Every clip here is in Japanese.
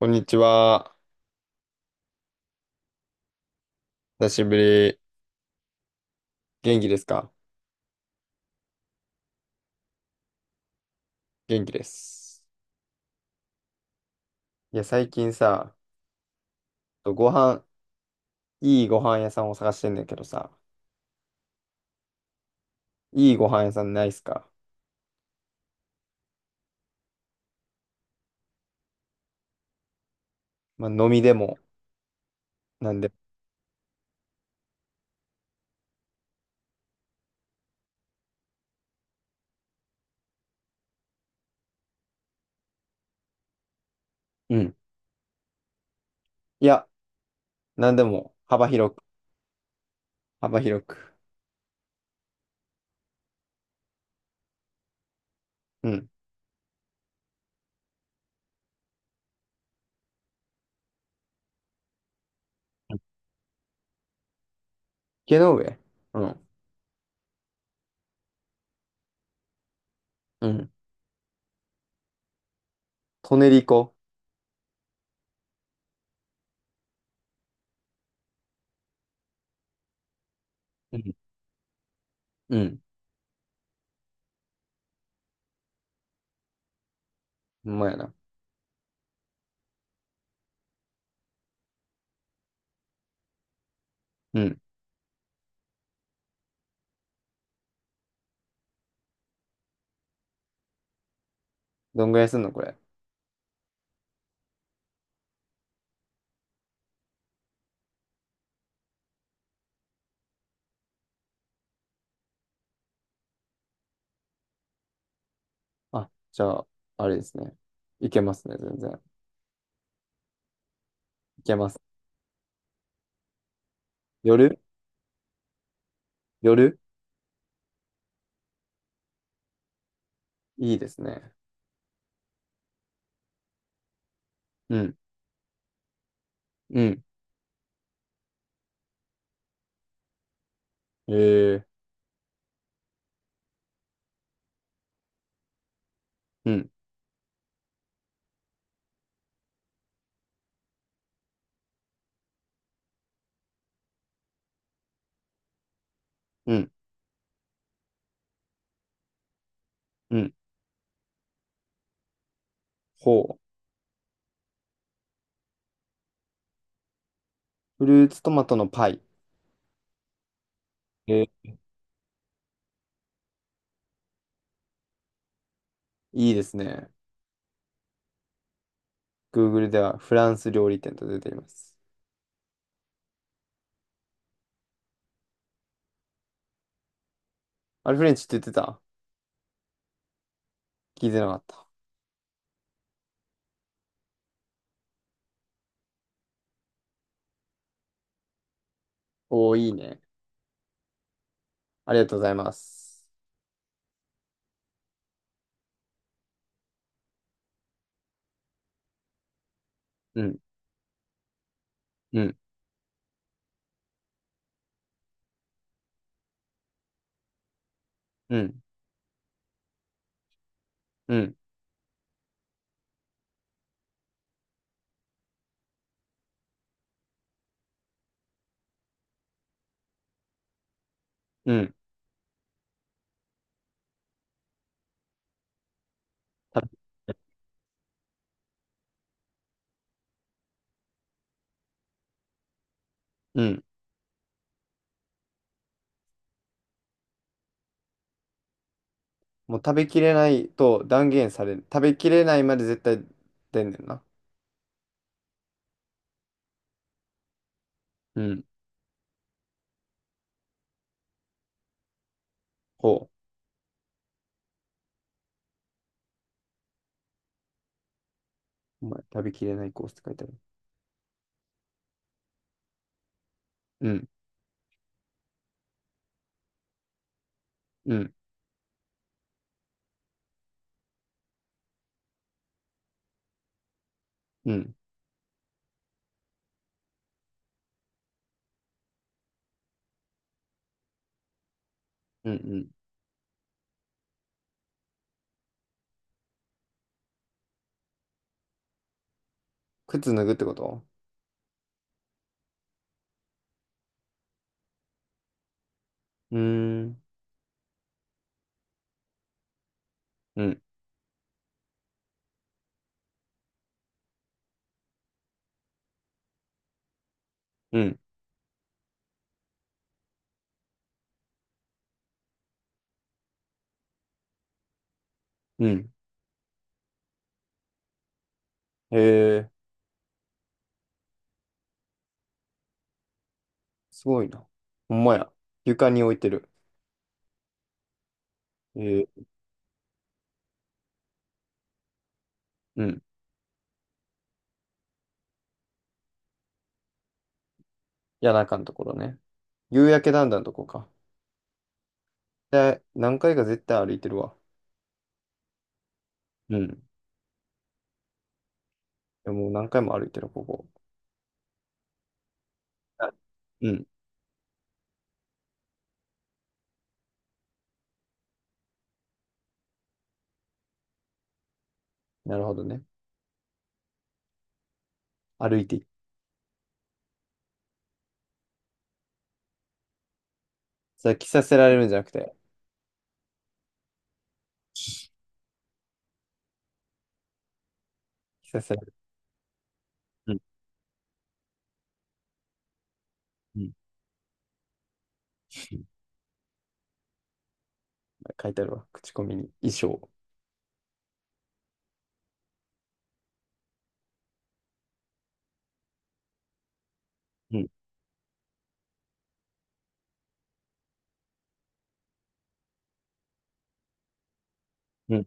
こんにちは。久しぶり。元気ですか？元気です。いや、最近さ、ご飯、いいご飯屋さんを探してんだけどさ、いいご飯屋さんないっすか？まあ、飲みでも、なんでも。うん。いや、なんでも、幅広く、幅広く。うん。池の上。うん。うん。トネリコ。うん。うん。ほんまやな。うん。どんぐらいすんのこれ？あ、じゃあ、あれですね。いけますね、全然。いけます。夜。夜。いいですね。うん。うん。えー、うん、うん、うん。ほう。フルーツトマトのパイ。えー、いいですね。Google ではフランス料理店と出ています。あれフレンチって言ってた？聞いてなかった。おー、いいね。ありがとうございます。うん、うん、うん、うん、うん。た。うん。もう食べきれないと断言される。食べきれないまで絶対出んねんな。うん。ほう。お前、食べきれないコースって書いてある。うん、うん、うん、うん、うん。靴脱ぐってこと？うーん、うん、うん、うん。へえ、すごいな。ほんまや。床に置いてる。えー、うん。谷中のところね。夕焼けだんだんのとこか。で、何回か絶対歩いてるわ。うん。いやもう何回も歩いてる、ここ。あ、うん。なるほどね。歩いてい、それ着させられるんじゃなくて、着させられる。うん。うん。書いてあるわ。口コミに。衣装。うん。うん。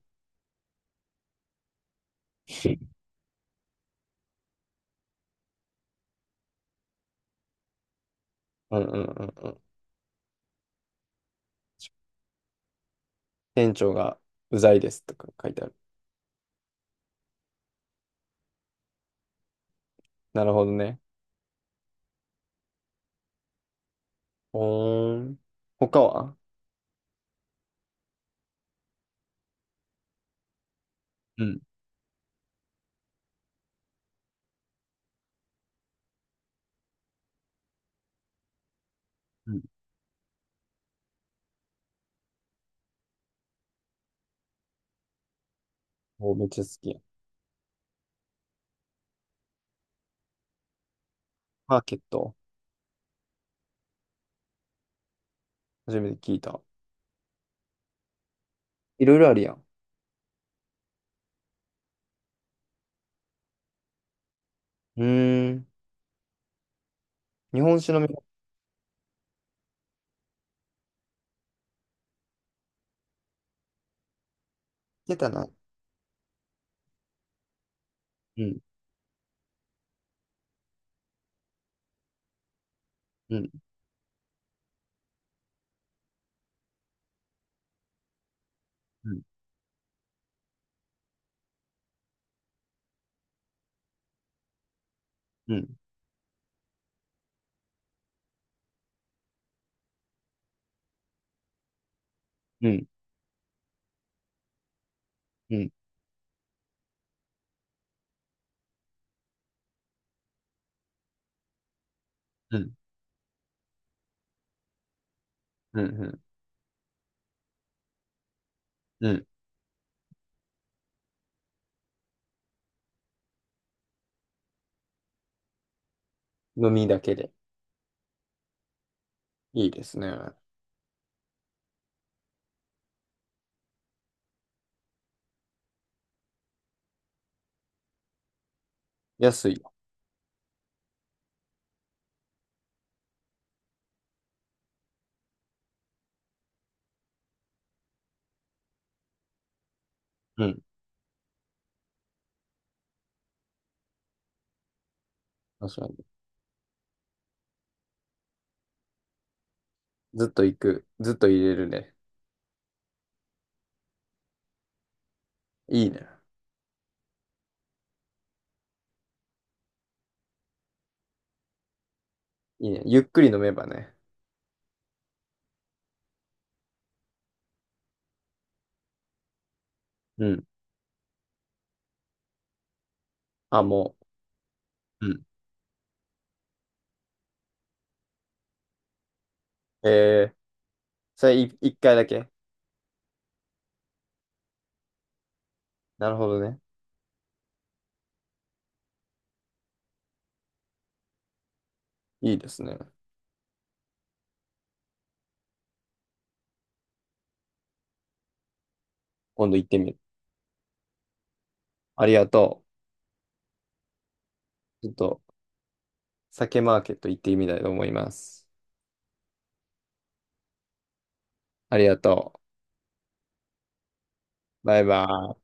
うんうんうんうん。店長がうざいですとか書いてある。なるほどね。ほーん。他は？うん。お、めっちゃ好きやん。マーケット、初めて聞いた。いろいろあるやん。うーん。日本酒の店、出たな。うん、うん、うん、うん、うん、うん、うん、うん、うん。うん。飲みだけで。いいですね。安いよ。うん。確かに。ずっと行く。ずっと入れるね。いいね。いいね。ゆっくり飲めばね。うん。あ、もう。うん。えー、それい一回だけ。なるほどね。いいですね。今度行ってみる。ありがとう。ちょっと、酒マーケット行ってみたいと思います。ありがとう。バイバイ。